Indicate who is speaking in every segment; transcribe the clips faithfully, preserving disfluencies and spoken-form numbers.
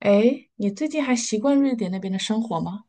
Speaker 1: 哎，你最近还习惯瑞典那边的生活吗？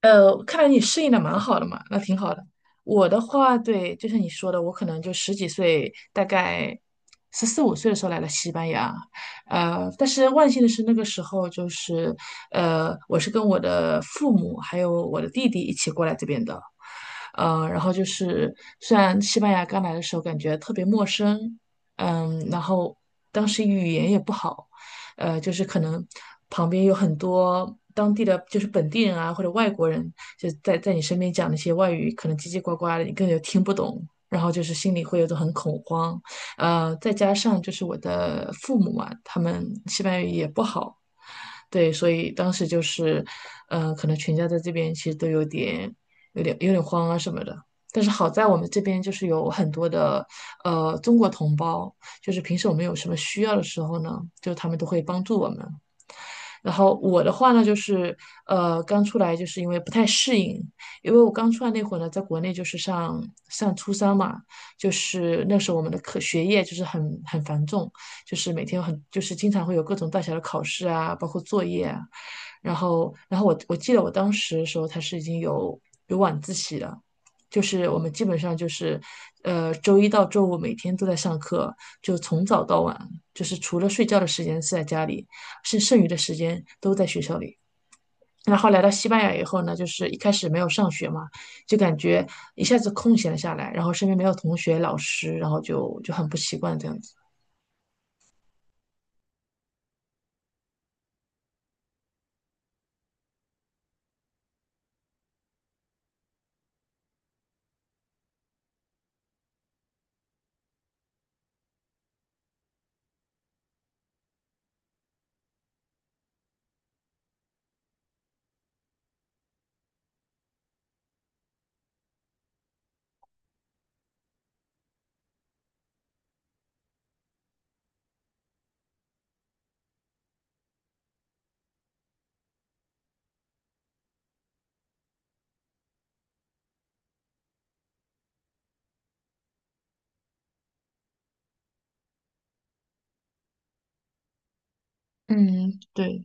Speaker 1: 呃，看来你适应的蛮好的嘛，那挺好的。我的话，对，就像你说的，我可能就十几岁，大概十四五岁的时候来了西班牙。呃，但是万幸的是，那个时候就是，呃，我是跟我的父母还有我的弟弟一起过来这边的。呃，然后就是，虽然西班牙刚来的时候感觉特别陌生，嗯，然后当时语言也不好。呃，就是可能旁边有很多当地的就是本地人啊或者外国人，就在在你身边讲那些外语，可能叽叽呱呱的，你根本就听不懂。然后就是心里会有种很恐慌，呃，再加上就是我的父母嘛，他们西班牙语也不好，对，所以当时就是，呃，可能全家在这边其实都有点、有点、有点慌啊什么的。但是好在我们这边就是有很多的呃中国同胞，就是平时我们有什么需要的时候呢，就他们都会帮助我们。然后我的话呢，就是呃，刚出来就是因为不太适应，因为我刚出来那会儿呢，在国内就是上上初三嘛，就是那时候我们的课学业就是很很繁重，就是每天很就是经常会有各种大小的考试啊，包括作业啊。然后，然后我我记得我当时的时候，他是已经有有晚自习了，就是我们基本上就是，呃，周一到周五每天都在上课，就从早到晚，就是除了睡觉的时间是在家里，剩剩余的时间都在学校里。然后来到西班牙以后呢，就是一开始没有上学嘛，就感觉一下子空闲了下来，然后身边没有同学、老师，然后就就很不习惯这样子。嗯，对。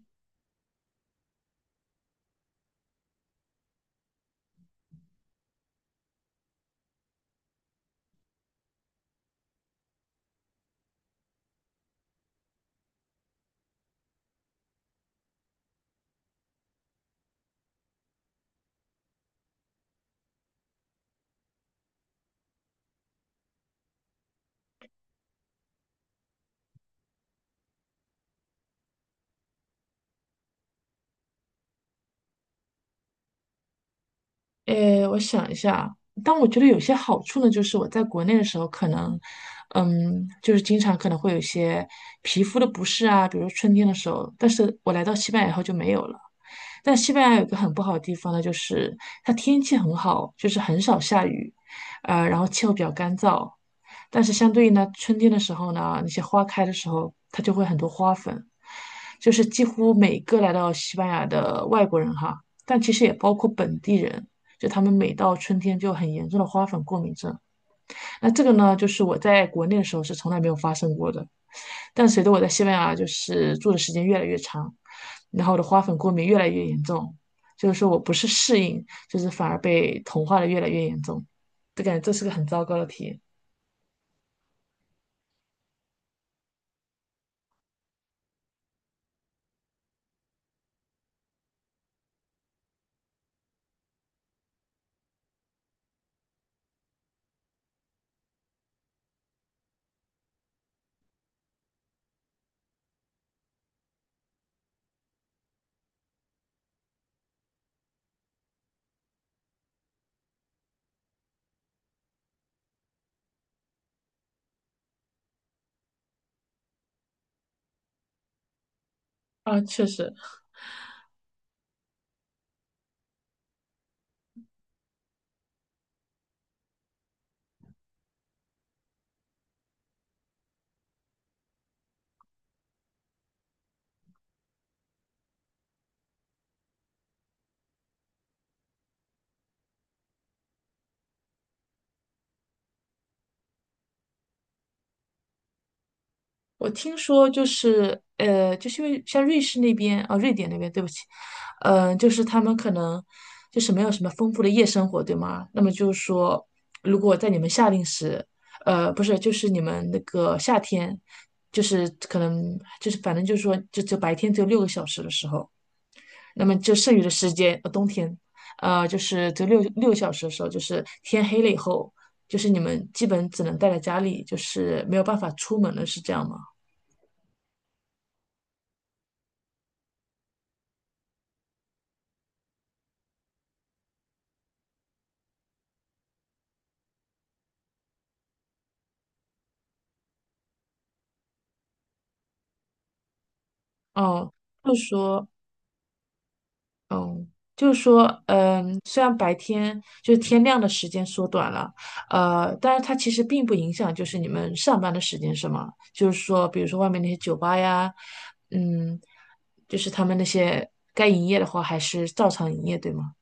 Speaker 1: 诶，我想一下，但我觉得有些好处呢，就是我在国内的时候，可能，嗯，就是经常可能会有一些皮肤的不适啊，比如说春天的时候，但是我来到西班牙以后就没有了。但西班牙有个很不好的地方呢，就是它天气很好，就是很少下雨，呃，然后气候比较干燥。但是相对应呢，春天的时候呢，那些花开的时候，它就会很多花粉。就是几乎每个来到西班牙的外国人哈，但其实也包括本地人，就他们每到春天就很严重的花粉过敏症。那这个呢，就是我在国内的时候是从来没有发生过的，但随着我在西班牙就是住的时间越来越长，然后我的花粉过敏越来越严重，就是说我不是适应，就是反而被同化的越来越严重，就感觉这是个很糟糕的体验。啊，确实，我听说就是呃，就是因为像瑞士那边啊，瑞典那边，对不起，呃，就是他们可能就是没有什么丰富的夜生活，对吗？那么就是说，如果在你们夏令时，呃，不是，就是你们那个夏天，就是可能就是反正就是说，就就白天只有六个小时的时候，那么就剩余的时间，呃，冬天，呃，就是只有六六个小时的时候，就是天黑了以后，就是你们基本只能待在家里，就是没有办法出门了，是这样吗？哦，就是说，嗯，就是说，嗯，虽然白天就是天亮的时间缩短了，呃，但是它其实并不影响，就是你们上班的时间是吗？就是说，比如说外面那些酒吧呀，嗯，就是他们那些该营业的话，还是照常营业，对吗？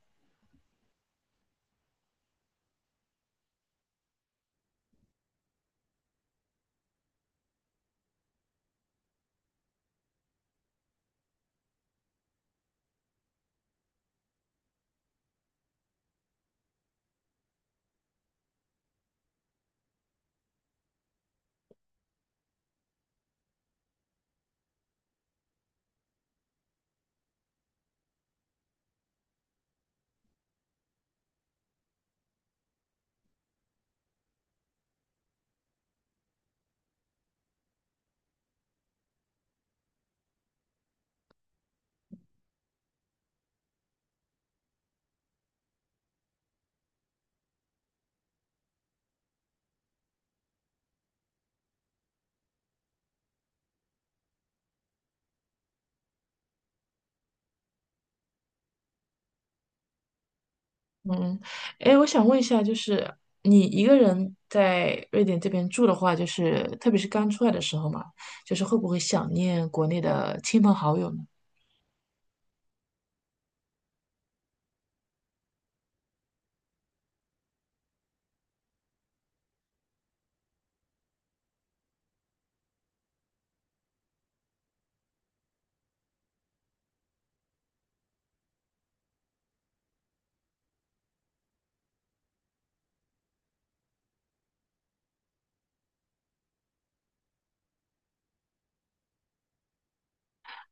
Speaker 1: 嗯，哎，我想问一下，就是你一个人在瑞典这边住的话，就是特别是刚出来的时候嘛，就是会不会想念国内的亲朋好友呢？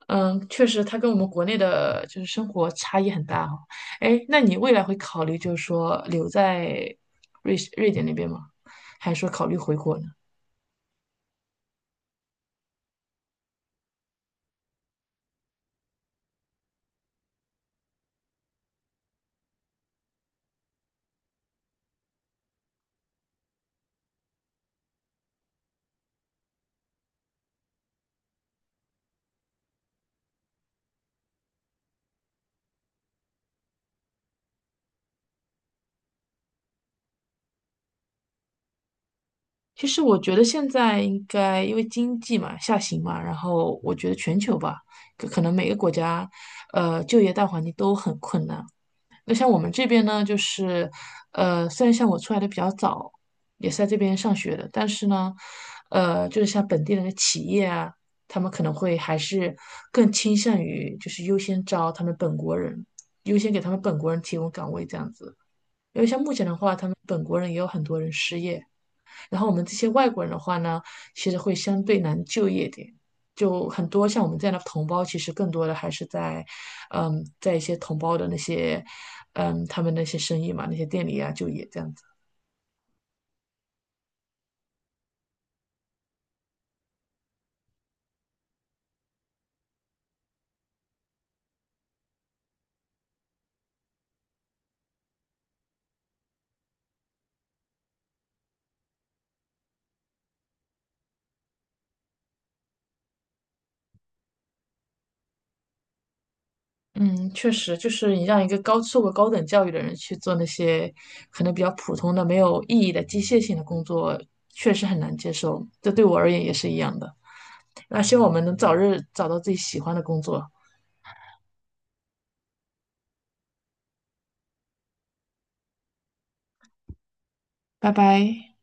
Speaker 1: 嗯，确实，它跟我们国内的就是生活差异很大哈。哎，那你未来会考虑就是说留在瑞士瑞典那边吗？还是说考虑回国呢？其实我觉得现在应该因为经济嘛下行嘛，然后我觉得全球吧，可可能每个国家，呃，就业大环境都很困难。那像我们这边呢，就是，呃，虽然像我出来的比较早，也是在这边上学的，但是呢，呃，就是像本地人的企业啊，他们可能会还是更倾向于就是优先招他们本国人，优先给他们本国人提供岗位这样子。因为像目前的话，他们本国人也有很多人失业，然后我们这些外国人的话呢，其实会相对难就业点，就很多像我们这样的同胞，其实更多的还是在，嗯，在一些同胞的那些，嗯，他们那些生意嘛，那些店里啊就业这样子。嗯，确实，就是你让一个高受过高等教育的人去做那些可能比较普通的、没有意义的机械性的工作，确实很难接受。这对我而言也是一样的。那希望我们能早日找到自己喜欢的工作。拜拜。